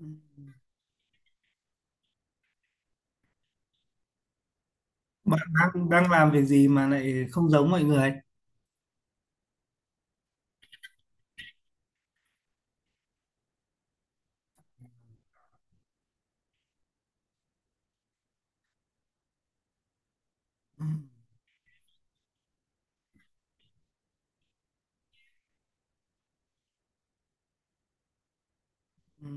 Ừ. Bạn đang đang làm việc gì mà lại không giống mọi người? Ừ. Ừ.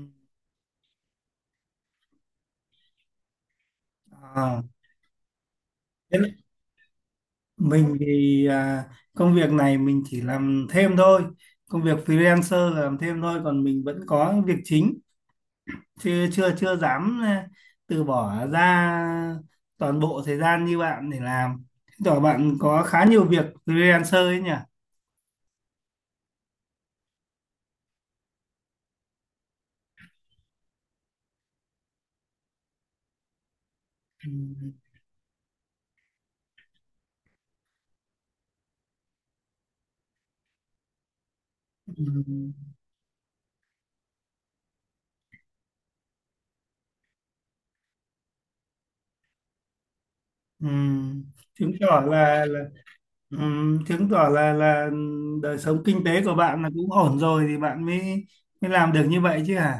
À, thế là- mình thì à, Công việc này mình chỉ làm thêm thôi. Công việc freelancer là làm thêm thôi, còn mình vẫn có việc chính, chưa chưa chưa dám từ bỏ ra toàn bộ thời gian như bạn để làm. Chứng tỏ bạn có khá nhiều việc freelancer ấy nhỉ? Ừ. Ừ. Ừ. Chứng tỏ là Ừ, chứng tỏ là đời sống kinh tế của bạn là cũng ổn rồi thì bạn mới mới làm được như vậy chứ hả?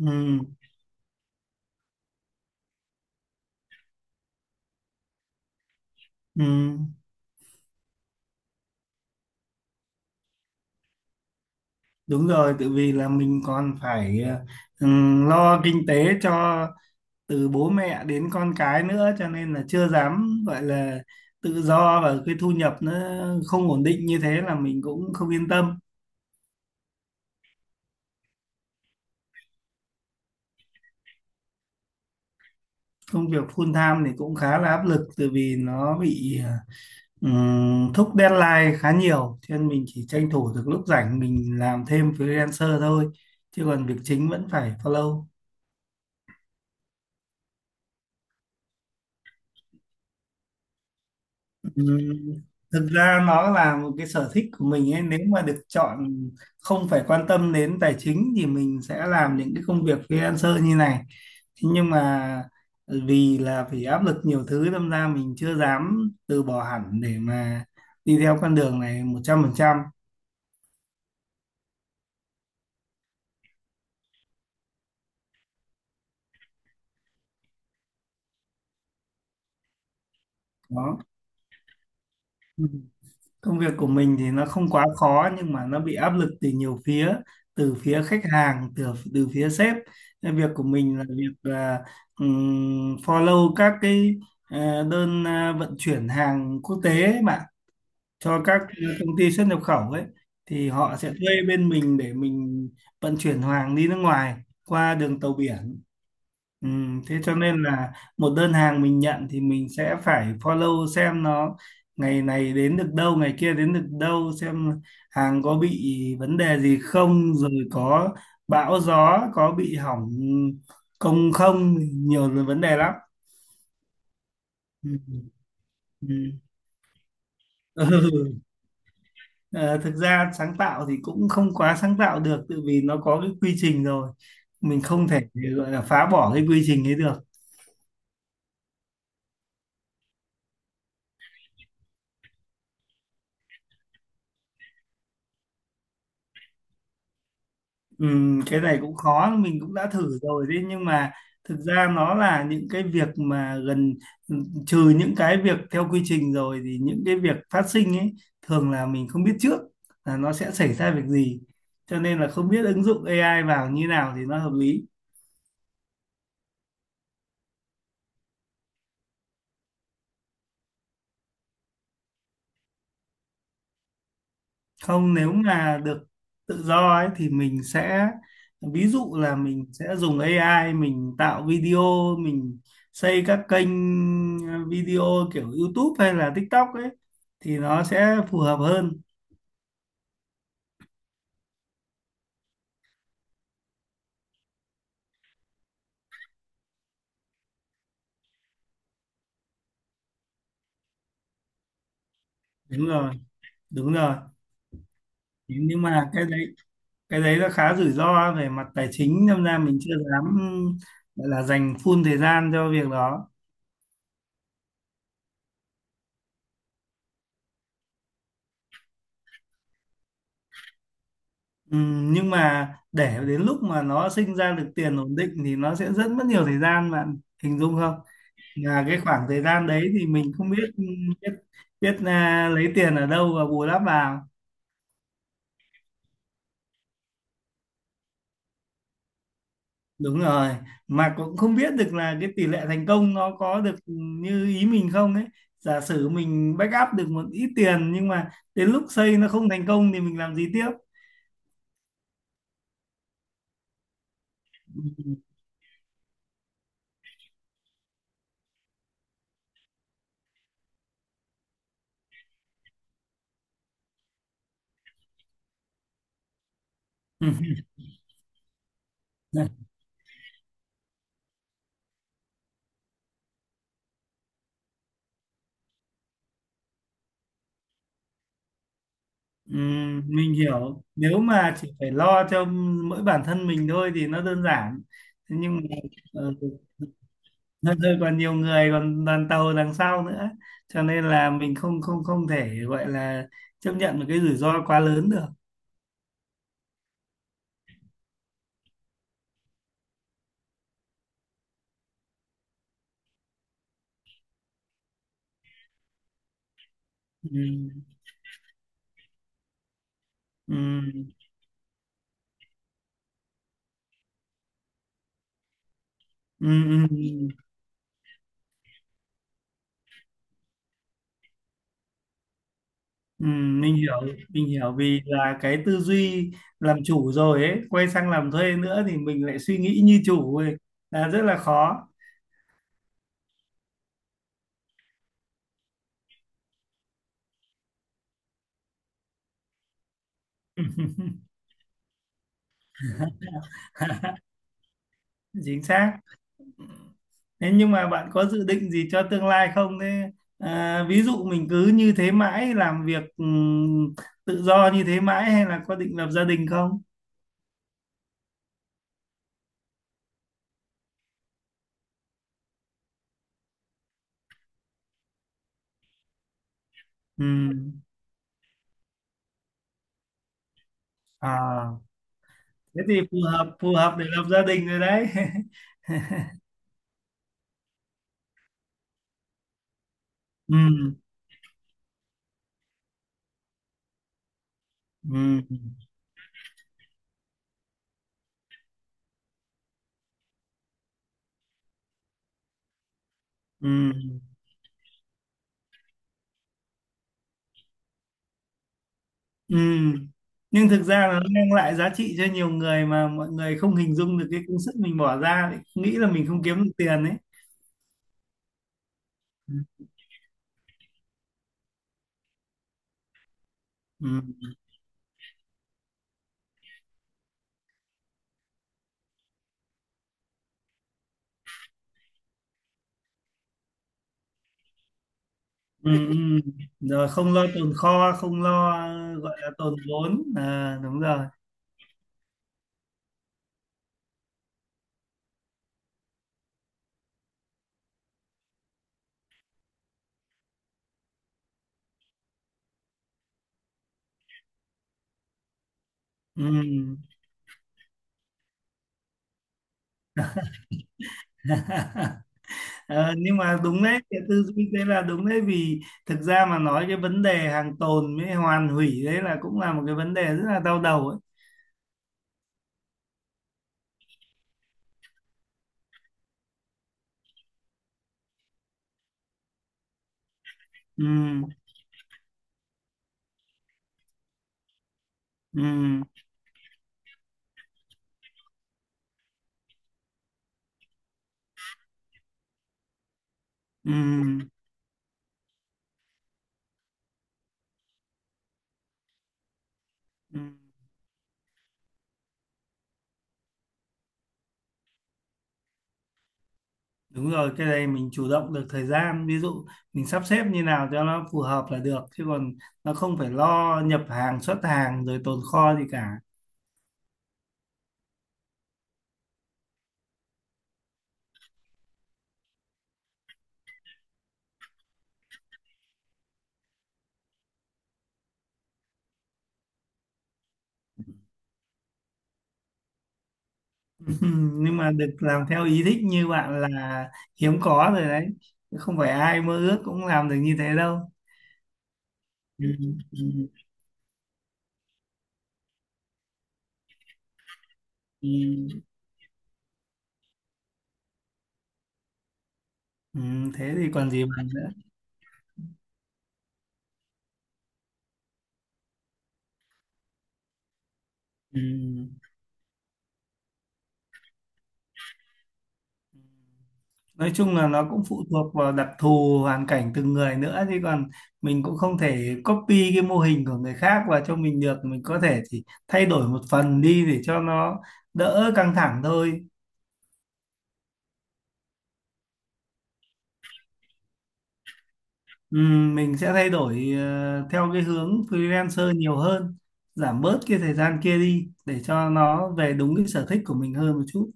Ừ, ừ, đúng rồi, tự vì là mình còn phải ừ, lo kinh tế cho từ bố mẹ đến con cái nữa, cho nên là chưa dám gọi là tự do, và cái thu nhập nó không ổn định như thế là mình cũng không yên tâm. Công việc full time thì cũng khá là áp lực tự vì nó bị thúc deadline khá nhiều, cho nên mình chỉ tranh thủ được lúc rảnh mình làm thêm freelancer thôi, chứ còn việc chính vẫn phải follow. Ừm, Thực ra nó là một cái sở thích của mình ấy. Nếu mà được chọn, không phải quan tâm đến tài chính thì mình sẽ làm những cái công việc freelancer như này. Thế nhưng mà vì là phải áp lực nhiều thứ, đâm ra mình chưa dám từ bỏ hẳn để mà đi theo con đường này 100%. Đó. Công việc của mình thì nó không quá khó nhưng mà nó bị áp lực từ nhiều phía, từ phía khách hàng, từ từ phía sếp. Nên việc của mình là việc là follow các cái đơn vận chuyển hàng quốc tế ấy bạn, cho các công ty xuất nhập khẩu ấy, thì họ sẽ thuê bên mình để mình vận chuyển hàng đi nước ngoài qua đường tàu biển. Ừ, thế cho nên là một đơn hàng mình nhận thì mình sẽ phải follow xem nó ngày này đến được đâu, ngày kia đến được đâu, xem hàng có bị vấn đề gì không, rồi có bão gió, có bị hỏng công không, nhiều là vấn đề lắm. Ừ. Ừ. Ừ. Ờ, thực ra sáng tạo thì cũng không quá sáng tạo được, tự vì nó có cái quy trình rồi, mình không thể gọi là phá bỏ cái quy trình ấy được. Cái này cũng khó, mình cũng đã thử rồi đấy nhưng mà thực ra nó là những cái việc mà gần ừ, trừ những cái việc theo quy trình rồi thì những cái việc phát sinh ấy thường là mình không biết trước là nó sẽ xảy ra việc gì, cho nên là không biết ứng dụng AI vào như nào thì nó hợp lý. Không, nếu mà được tự do ấy thì mình sẽ, ví dụ là mình sẽ dùng AI mình tạo video, mình xây các kênh video kiểu YouTube hay là TikTok ấy thì nó sẽ phù hợp hơn. Đúng rồi. Đúng rồi. Nhưng mà cái đấy nó khá rủi ro về mặt tài chính nên ra mình chưa dám gọi là dành full thời gian cho việc đó. Nhưng mà để đến lúc mà nó sinh ra được tiền ổn định thì nó sẽ rất mất nhiều thời gian, bạn hình dung không, là cái khoảng thời gian đấy thì mình không biết biết biết lấy tiền ở đâu và bù đắp vào. Đúng rồi, mà cũng không biết được là cái tỷ lệ thành công nó có được như ý mình không ấy. Giả sử mình back up được một ít tiền nhưng mà đến lúc xây nó không thành công thì mình làm gì tiếp. Ừ. Mình hiểu, nếu mà chỉ phải lo cho mỗi bản thân mình thôi thì nó đơn giản. Thế nhưng mà ờ, nó rơi còn nhiều người còn đoàn tàu đằng sau nữa, cho nên là mình không không không thể gọi là chấp nhận một cái rủi ro quá lớn được. Ừ. Ừ. Ừ. Ừ. Ừ. mình hiểu mình hiểu vì là cái tư duy làm chủ rồi ấy, quay sang làm thuê nữa thì mình lại suy nghĩ như chủ ấy, là rất là khó. Ừ, chính xác. Ừ. Thế nhưng mà bạn có dự định gì cho tương lai không? Thế à, ví dụ mình cứ như thế mãi, làm việc tự do như thế mãi hay là có định lập gia đình không? Ừm. À, thế thì phù hợp để lập gia đình rồi đấy. Ừm, ừm, ừm, ừm. Nhưng thực ra là nó mang lại giá trị cho nhiều người mà mọi người không hình dung được cái công sức mình bỏ ra, lại nghĩ là mình không kiếm được tiền ấy. Ừm. Ừ, ừ. Rồi không lo tồn kho, không lo gọi là tồn vốn à, đúng rồi. Ừ. Ờ, nhưng mà đúng đấy, cái tư duy thế là đúng đấy, vì thực ra mà nói cái vấn đề hàng tồn với hoàn hủy đấy là cũng là một cái vấn đề rất là đau đầu ấy. Ừ, ừ, ừ, ừ. Đúng rồi, cái này mình chủ động được thời gian, ví dụ mình sắp xếp như nào cho nó phù hợp là được, chứ còn nó không phải lo nhập hàng, xuất hàng rồi tồn kho gì cả. Ừ, nhưng mà được làm theo ý thích như bạn là hiếm có rồi đấy, không phải ai mơ ước cũng làm được như thế đâu. Ừ, ừ, ừ, ừ, thế thì còn gì bằng nữa. Ừ. Nói chung là nó cũng phụ thuộc vào đặc thù hoàn cảnh từng người, nữa chứ còn mình cũng không thể copy cái mô hình của người khác và cho mình được, mình có thể chỉ thay đổi một phần đi để cho nó đỡ căng thẳng thôi. Mình sẽ thay đổi theo cái hướng freelancer nhiều hơn, giảm bớt cái thời gian kia đi để cho nó về đúng cái sở thích của mình hơn một chút.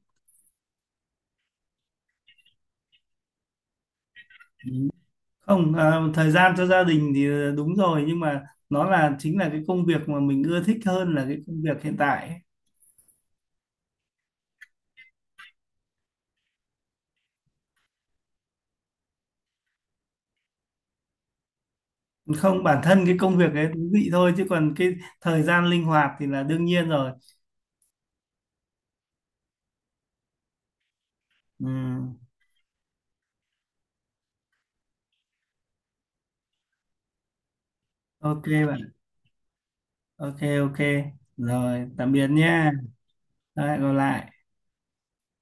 Không, thời gian cho gia đình thì đúng rồi, nhưng mà nó là chính là cái công việc mà mình ưa thích hơn là cái công việc hiện tại ấy. Không, bản thân cái công việc ấy thú vị thôi, chứ còn cái thời gian linh hoạt thì là đương nhiên rồi. Ừm, ok bạn, ok ok. Rồi, tạm biệt nha. Lại gặp lại.